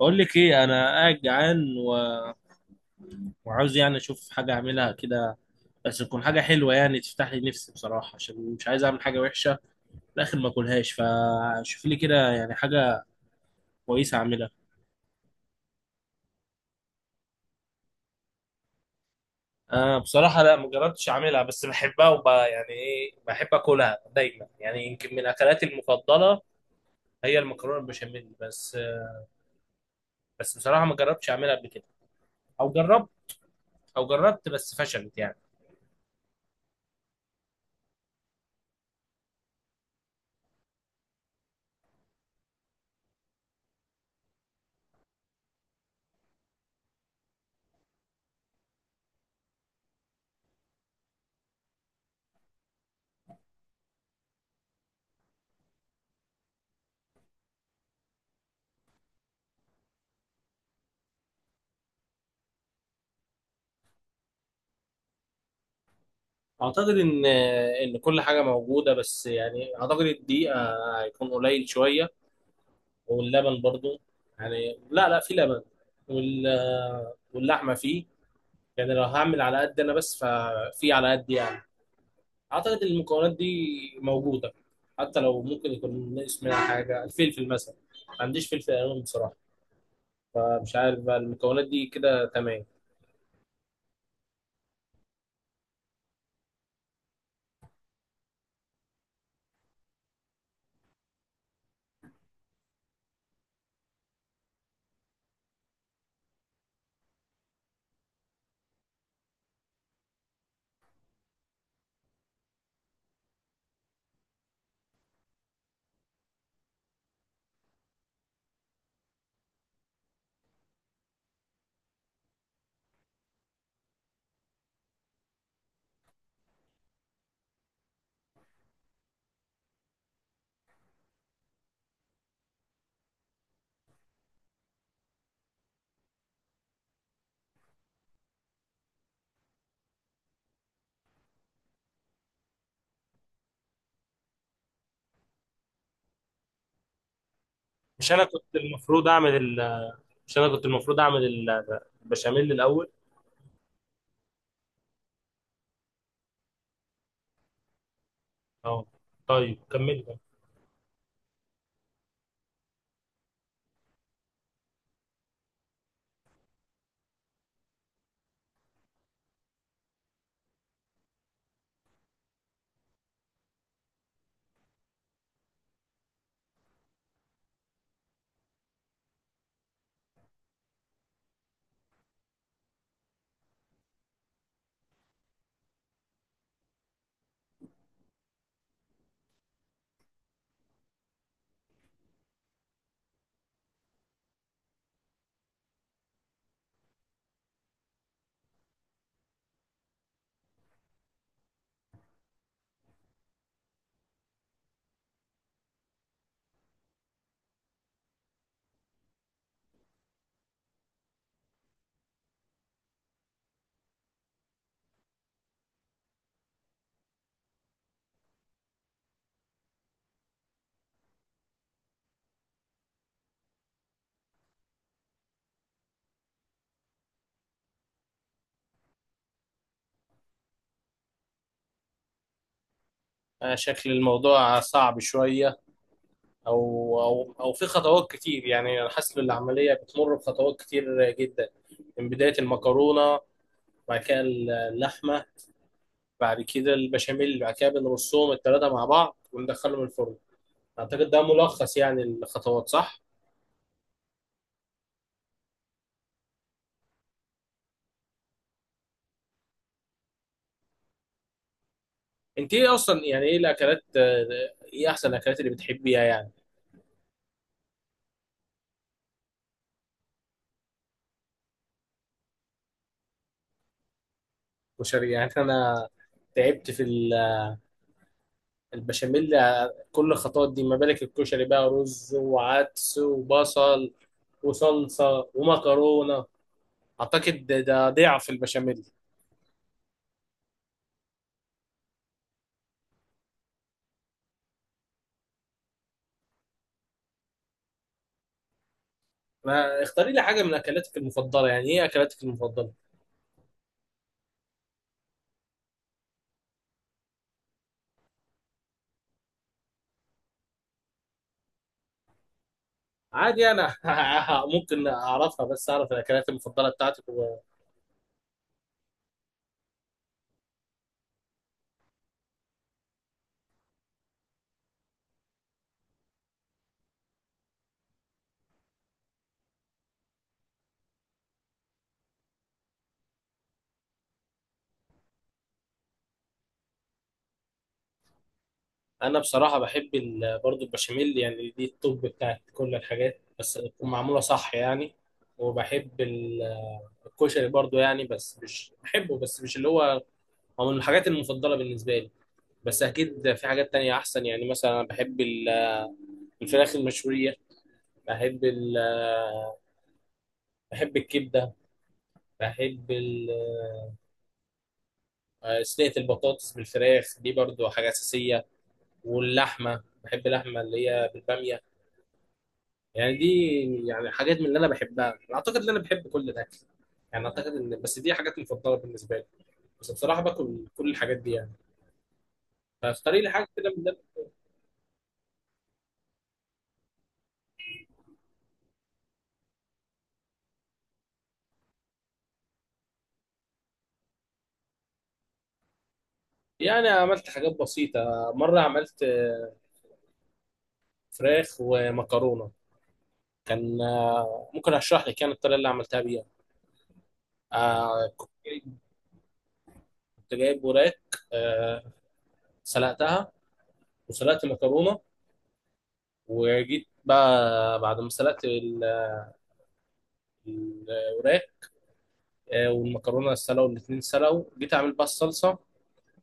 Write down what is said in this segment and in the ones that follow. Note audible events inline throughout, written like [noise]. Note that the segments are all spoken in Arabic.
بقول لك ايه، انا قاعد جعان وعاوز يعني اشوف حاجه اعملها كده، بس تكون حاجه حلوه يعني تفتح لي نفسي بصراحه، عشان مش عايز اعمل حاجه وحشه في الاخر ما اكلهاش. فشوف لي كده يعني حاجه كويسه اعملها. آه بصراحه لا، ما جربتش اعملها، بس بحبها وب يعني ايه بحب اكلها دايما، يعني يمكن من اكلاتي المفضله هي المكرونه البشاميل بس. بس بصراحه ما جربتش اعملها قبل كده، او جربت، او جربت بس فشلت يعني. اعتقد ان كل حاجه موجوده، بس يعني اعتقد الدقيق هيكون قليل شويه، واللبن برضو يعني لا في لبن، واللحمه فيه، يعني لو هعمل على قد انا بس ففي على قد يعني. اعتقد إن المكونات دي موجوده، حتى لو ممكن يكون ناقص منها حاجه، الفلفل مثلا ما عنديش فلفل الوان بصراحه، فمش عارف بقى المكونات دي كده تمام. مش انا كنت المفروض اعمل ال... مش انا كنت المفروض اعمل البشاميل الاول؟ اه، طيب كمل بقى. شكل الموضوع صعب شوية، أو في خطوات كتير، يعني أنا حاسس إن العملية بتمر بخطوات كتير جدا، من بداية المكرونة، بعد كده اللحمة، بعد كده البشاميل، بعد كده بنرصهم التلاتة مع بعض وندخلهم الفرن. أعتقد ده ملخص يعني الخطوات، صح؟ أنت إيه أصلا يعني، إيه الأكلات، إيه أحسن الأكلات اللي بتحبيها يعني؟ وشر يعني أنا تعبت في البشاميل كل الخطوات دي، ما بالك الكشري بقى رز وعدس وبصل وصلصة ومكرونة. أعتقد ده ضعف البشاميل. ما اختاري لي حاجة من أكلاتك المفضلة، يعني إيه أكلاتك المفضلة؟ عادي أنا [laughs] ممكن أعرفها، بس أعرف الأكلات المفضلة بتاعتك. وأنا بصراحة بحب برضو البشاميل، يعني دي التوب بتاعت كل الحاجات، بس تكون معمولة صح يعني. وبحب الكشري برضو يعني، بس مش بحبه، بس مش اللي هو هو من الحاجات المفضلة بالنسبة لي، بس اكيد في حاجات تانية احسن. يعني مثلا انا بحب الفراخ المشوية، بحب ال... بحب الكبدة، بحب ال... آه، صينية البطاطس بالفراخ دي برضو حاجة أساسية، واللحمة، بحب اللحمة اللي هي بالبامية. يعني دي يعني حاجات من اللي أنا بحبها. أنا أعتقد إن أنا بحب كل الأكل، يعني أعتقد إن بس دي حاجات مفضلة بالنسبة لي، بس بصراحة باكل كل الحاجات دي يعني. فاختاري لي حاجة كده من ده. يعني عملت حاجات بسيطة، مرة عملت فراخ ومكرونة. كان، ممكن اشرح لك يعني الطريقه اللي عملتها بيها. كنت جايب، كنت جايب وراك، آه، سلقتها وسلقت مكرونه، وجيت بقى بعد ما سلقت الوراك والمكرونه، سلقوا الاثنين سلقوا، جيت اعمل بقى الصلصه.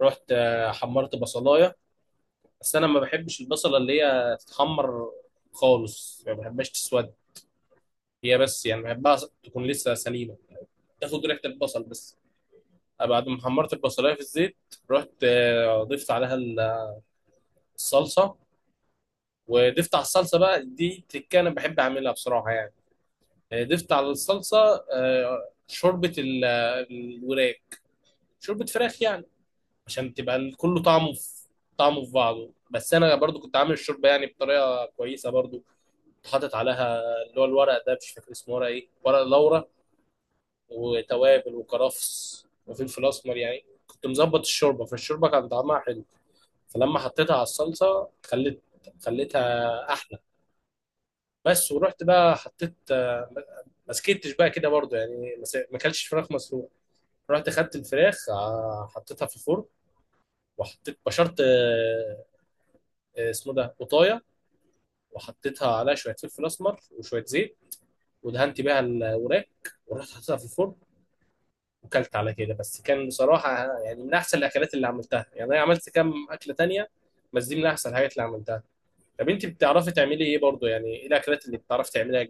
رحت حمرت بصلايه، بس انا ما بحبش البصله اللي هي تتحمر خالص، ما بحبهاش تسود، هي بس يعني بحبها تكون لسه سليمه، تاخد ريحه البصل بس. بعد ما حمرت البصلايه في الزيت، رحت ضفت عليها الصلصه، وضفت على الصلصه بقى دي تريكه انا بحب اعملها بصراحه يعني. ضفت على الصلصه شوربه الوراك، شوربه فراخ يعني، عشان تبقى كله طعمه في طعمه في بعضه. بس انا برضو كنت عامل الشوربه يعني بطريقه كويسه برضو، كنت حاطط عليها اللي هو الورق ده، مش فاكر اسمه ورق ايه، ورق لورا وتوابل وكرفس وفلفل اسمر، يعني كنت مظبط الشوربه، فالشوربه كان طعمها حلو، فلما حطيتها على الصلصه خلت، خليتها احلى. بس ورحت بقى حطيت، ما سكتش بقى كده برضو يعني، ما اكلتش فراخ مسلوقه، رحت خدت الفراخ حطيتها في الفرن، وحطيت بشرت، اسمه ده قطايه، وحطيتها عليها شويه فلفل اسمر وشويه زيت، ودهنت بيها الوراك، ورحت حطيتها في الفرن، وكلت على كده. بس كان بصراحه يعني من احسن الاكلات اللي عملتها، يعني انا عملت كام اكله تانية بس دي من احسن الحاجات اللي عملتها. طب انت بتعرفي تعملي ايه برضو، يعني ايه الاكلات اللي بتعرفي تعمليها؟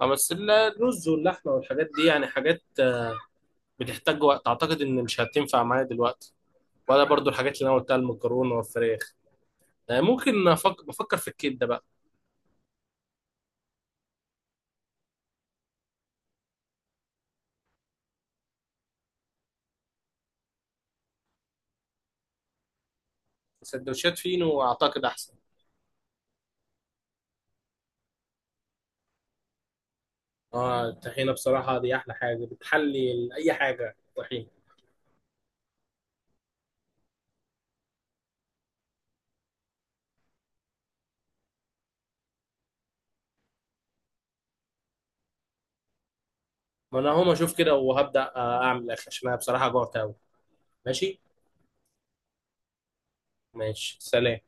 اه بس الرز واللحمه والحاجات دي يعني حاجات بتحتاج وقت، اعتقد ان مش هتنفع معايا دلوقتي، ولا برضو الحاجات اللي انا قلتها المكرونه والفراخ. بفكر في الكبده بقى. سندوتشات فينو اعتقد احسن. اه الطحينه بصراحه دي احلى حاجه، بتحلي اي حاجه طحينه. ما انا هقوم اشوف كده وهبدا اعمل اكل، عشان انا بصراحه جوعت قوي. ماشي. ماشي، سلام.